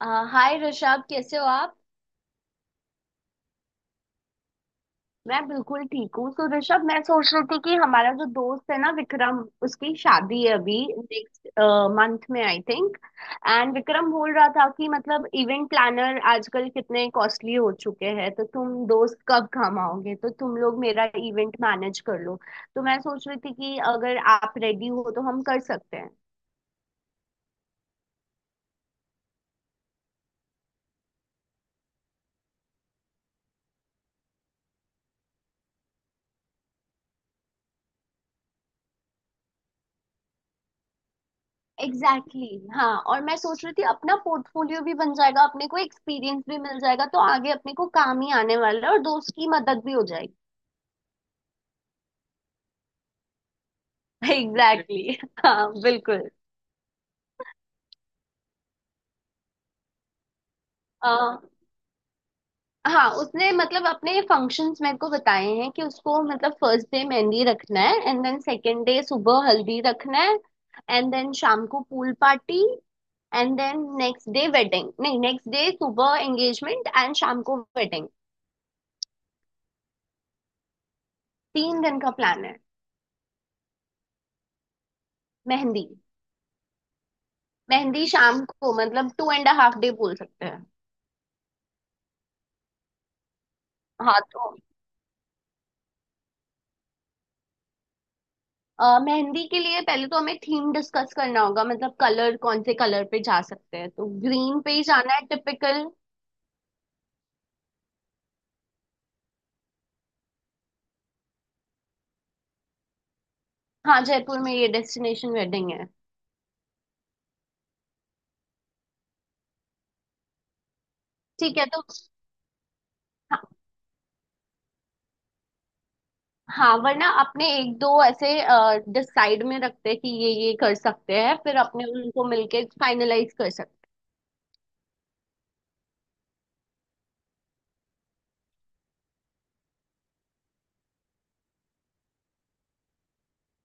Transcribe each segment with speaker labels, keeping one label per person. Speaker 1: अ, hi Rishabh, कैसे हो आप। मैं बिल्कुल ठीक हूँ। तो ऋषभ, मैं सोच रही थी कि हमारा जो दोस्त है ना विक्रम, उसकी शादी है अभी नेक्स्ट मंथ में आई थिंक। एंड विक्रम बोल रहा था कि मतलब इवेंट प्लानर आजकल कितने कॉस्टली हो चुके हैं, तो तुम दोस्त कब काम आओगे, तो तुम लोग मेरा इवेंट मैनेज कर लो। तो मैं सोच रही थी कि अगर आप रेडी हो तो हम कर सकते हैं। एग्जैक्टली exactly, हाँ। और मैं सोच रही थी अपना पोर्टफोलियो भी बन जाएगा, अपने को एक्सपीरियंस भी मिल जाएगा, तो आगे अपने को काम ही आने वाला है और दोस्त की मदद भी हो जाएगी। एग्जैक्टली exactly, हाँ बिल्कुल। आ, हाँ, उसने मतलब अपने फंक्शंस मेरे को बताए हैं कि उसको मतलब फर्स्ट डे मेहंदी रखना है एंड देन सेकंड डे सुबह हल्दी रखना है। एंड देन शाम को pool party. And then next day wedding नहीं, नेक्स्ट डे सुबह एंगेजमेंट एंड शाम को वेडिंग। 3 दिन का प्लान है। मेहंदी। मेहंदी शाम को, मतलब 2.5 day बोल सकते हैं। हाँ तो अ, मेहंदी के लिए पहले तो हमें थीम डिस्कस करना होगा, मतलब कलर, कौन से कलर पे जा सकते हैं। तो ग्रीन पे ही जाना है टिपिकल। हाँ, जयपुर में, ये डेस्टिनेशन वेडिंग है। ठीक है तो हाँ। हाँ, वरना अपने एक दो ऐसे डिसाइड में रखते हैं कि ये कर सकते हैं, फिर अपने उनको मिलके फाइनलाइज कर सकते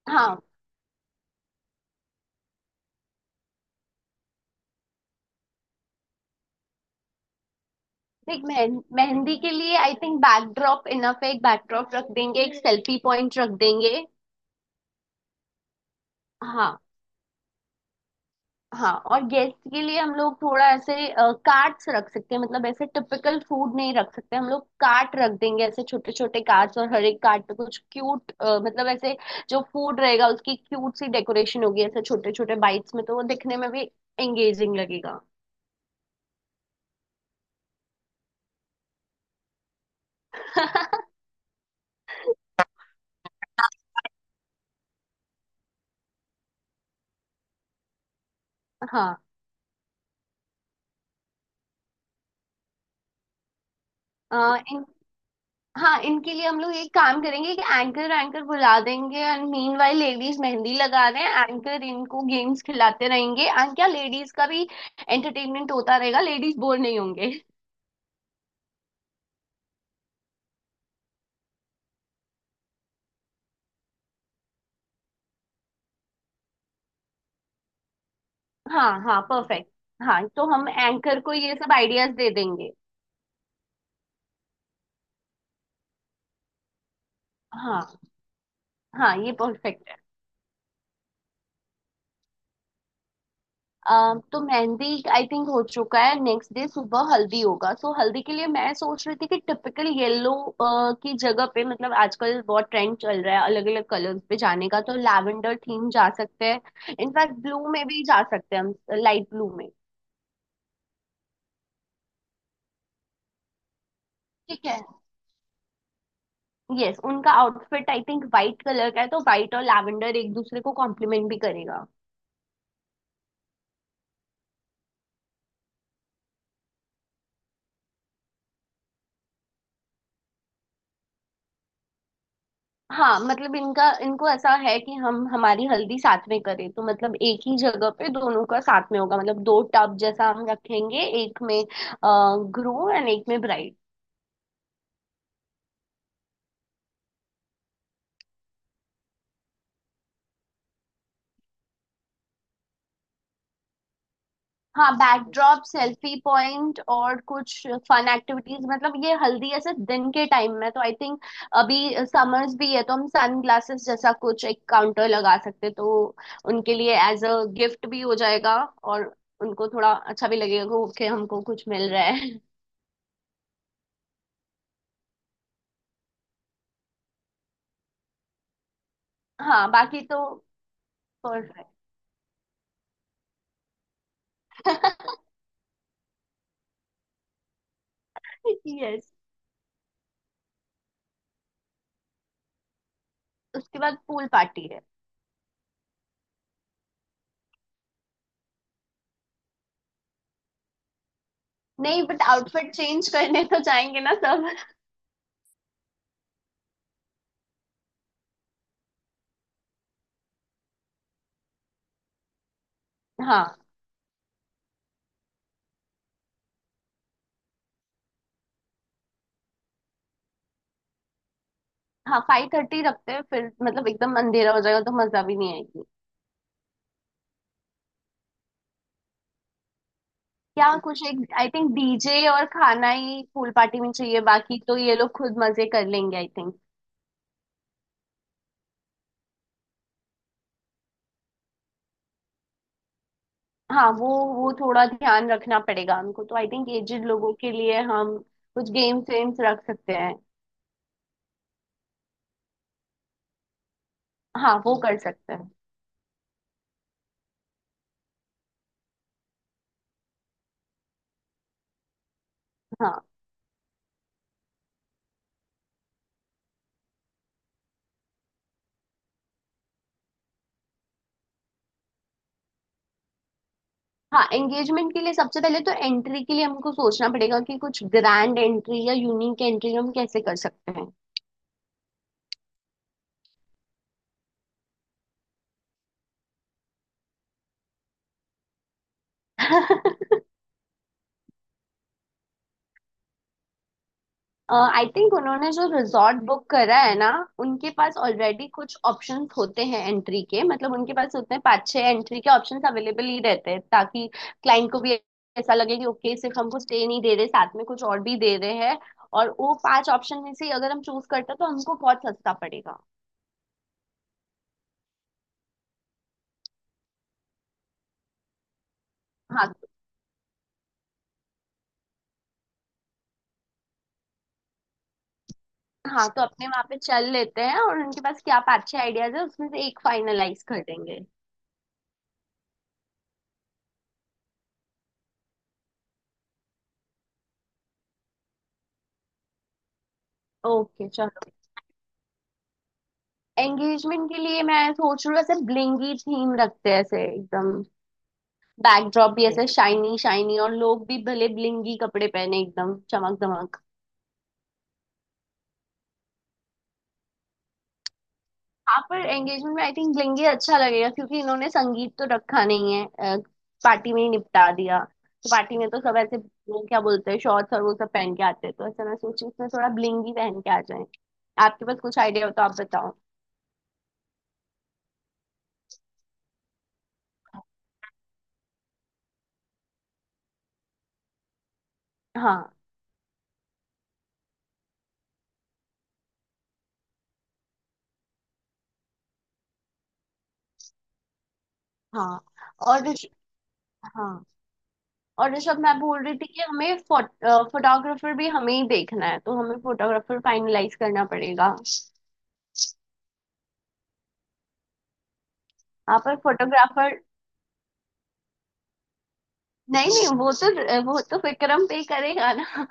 Speaker 1: हैं। हाँ। देख, मेहंदी के लिए आई थिंक बैकड्रॉप इनफ है। एक बैकड्रॉप रख देंगे, एक सेल्फी पॉइंट रख देंगे। हाँ। हाँ, और गेस्ट के लिए हम लोग थोड़ा ऐसे कार्ट्स रख सकते हैं। मतलब ऐसे टिपिकल फूड नहीं रख सकते, हम लोग कार्ट रख देंगे, ऐसे छोटे छोटे कार्ट्स, और हर एक कार्ट पे कुछ क्यूट, मतलब ऐसे जो फूड रहेगा उसकी क्यूट सी डेकोरेशन होगी, ऐसे छोटे छोटे बाइट्स में, तो वो दिखने में भी एंगेजिंग लगेगा। हाँ। हाँ, इनके लिए हम लोग एक काम करेंगे कि एंकर एंकर बुला देंगे and meanwhile ladies mehndi लगा रहे हैं एंकर इनको गेम्स खिलाते रहेंगे, एंड क्या लेडीज का भी एंटरटेनमेंट होता रहेगा, लेडीज बोर नहीं होंगे। हाँ हाँ परफेक्ट। हाँ, तो हम एंकर को ये सब आइडियाज दे देंगे। हाँ। हाँ ये परफेक्ट है। तो मेहंदी आई थिंक हो चुका है। नेक्स्ट डे सुबह हल्दी होगा, सो हल्दी के लिए मैं सोच रही थी कि टिपिकल येलो की जगह पे, मतलब आजकल बहुत ट्रेंड चल रहा है अलग अलग कलर्स पे जाने का, तो लैवेंडर थीम जा सकते हैं, इनफैक्ट ब्लू में भी जा सकते हैं हम, लाइट ब्लू में। ठीक है। यस, उनका outfit I think white colour का है, तो वाइट और लैवेंडर एक दूसरे को कॉम्प्लीमेंट भी करेगा। हाँ, मतलब इनका, इनको ऐसा है कि हम हमारी हल्दी साथ में करें, तो मतलब एक ही जगह पे दोनों का साथ में होगा। मतलब दो टब जैसा हम रखेंगे, एक में ग्रूम एंड एक में ब्राइड। हाँ, बैकड्रॉप, सेल्फी पॉइंट और कुछ फन एक्टिविटीज। मतलब ये हल्दी ऐसे दिन के टाइम में तो आई थिंक अभी समर्स भी है, तो हम सन ग्लासेस जैसा कुछ एक काउंटर लगा सकते हैं, तो उनके लिए एज अ गिफ्ट भी हो जाएगा और उनको थोड़ा अच्छा भी लगेगा, ओके हमको कुछ मिल रहा है। हाँ बाकी तो परफेक्ट। यस। उसके बाद पूल पार्टी है। नहीं, बट आउटफिट चेंज करने तो जाएंगे ना सब। हाँ। हाँ, 5:30 रखते हैं, फिर मतलब एकदम अंधेरा हो जाएगा तो मजा भी नहीं आएगी। क्या कुछ, एक आई थिंक डीजे और खाना ही पूल पार्टी में चाहिए, बाकी तो ये लोग खुद मजे कर लेंगे आई थिंक। हाँ, वो थोड़ा ध्यान रखना पड़ेगा उनको, तो आई थिंक एजेड लोगों के लिए हम कुछ गेम्स वेम्स रख सकते हैं। हाँ वो कर सकते हैं। हाँ। हाँ, एंगेजमेंट के लिए सबसे पहले तो एंट्री के लिए हमको सोचना पड़ेगा कि कुछ ग्रैंड एंट्री या यूनिक एंट्री हम कैसे कर सकते हैं। आई थिंक उन्होंने जो रिजॉर्ट बुक करा है ना, उनके पास ऑलरेडी कुछ ऑप्शंस होते हैं एंट्री के, मतलब उनके पास उतने 5-6 एंट्री के ऑप्शंस अवेलेबल ही रहते हैं, ताकि क्लाइंट को भी ऐसा लगे कि ओके सिर्फ हमको स्टे नहीं दे रहे, साथ में कुछ और भी दे रहे हैं। और वो 5 ऑप्शन में से अगर हम चूज करते हैं तो हमको बहुत सस्ता पड़ेगा। हाँ। हाँ तो अपने वहां पे चल लेते हैं और उनके पास क्या 5-6 आइडियाज है, उसमें से एक फाइनलाइज कर देंगे। ओके चलो। एंगेजमेंट के लिए मैं सोच रही हूँ ऐसे ब्लिंगी थीम रखते हैं, ऐसे एकदम बैकड्रॉप भी ऐसे शाइनी शाइनी और लोग भी भले ब्लिंगी कपड़े पहने, एकदम चमक दमक। हाँ, पर एंगेजमेंट में आई थिंक लेंगे अच्छा लगेगा, क्योंकि इन्होंने संगीत तो रखा नहीं है, पार्टी में ही निपटा दिया, तो पार्टी में तो सब ऐसे वो क्या बोलते हैं शॉर्ट्स और वो सब पहन के आते हैं, तो ऐसा मैं सोची इसमें थोड़ा ब्लिंग ही पहन के आ जाए। आपके पास कुछ आइडिया हो तो आप बताओ। हाँ। हाँ और हाँ और ऋषभ, मैं बोल रही थी कि हमें फोटोग्राफर भी हमें ही देखना है, तो हमें फोटोग्राफर फाइनलाइज करना पड़ेगा। हाँ पर फोटोग्राफर, नहीं नहीं, वो तो विक्रम पे ही करेगा ना।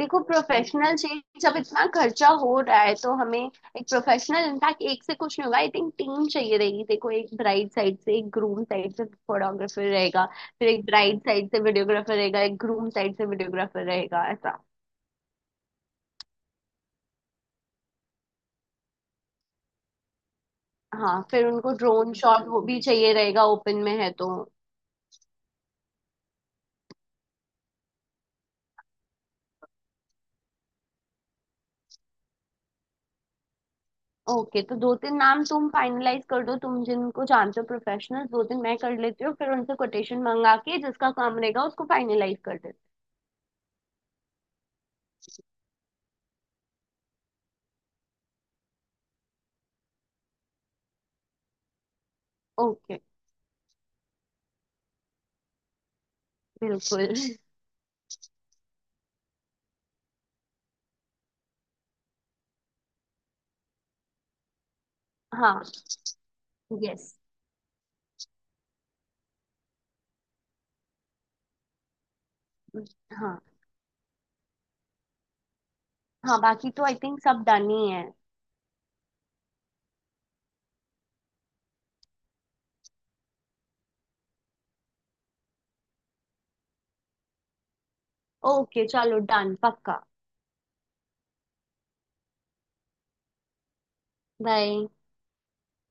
Speaker 1: देखो, प्रोफेशनल चीज, जब इतना खर्चा हो रहा है तो हमें एक प्रोफेशनल, इनफैक्ट एक से कुछ नहीं होगा आई थिंक, टीम चाहिए रहेगी। देखो, एक ब्राइड साइड से, एक ग्रूम साइड से फोटोग्राफर रहेगा, फिर एक ब्राइड साइड से वीडियोग्राफर रहेगा, एक ग्रूम साइड से वीडियोग्राफर रहेगा, ऐसा। हाँ, फिर उनको ड्रोन शॉट वो भी चाहिए रहेगा, ओपन में है तो। ओके, तो 2-3 नाम तुम फाइनलाइज कर दो, तुम जिनको जानते हो प्रोफेशनल, 2-3 मैं कर लेती हूँ, फिर उनसे कोटेशन मंगा के जिसका काम रहेगा उसको फाइनलाइज कर देते। ओके। बिल्कुल। हाँ। यस। हाँ। हाँ बाकी तो आई थिंक सब डन ही है। ओके चलो डन पक्का। बाय।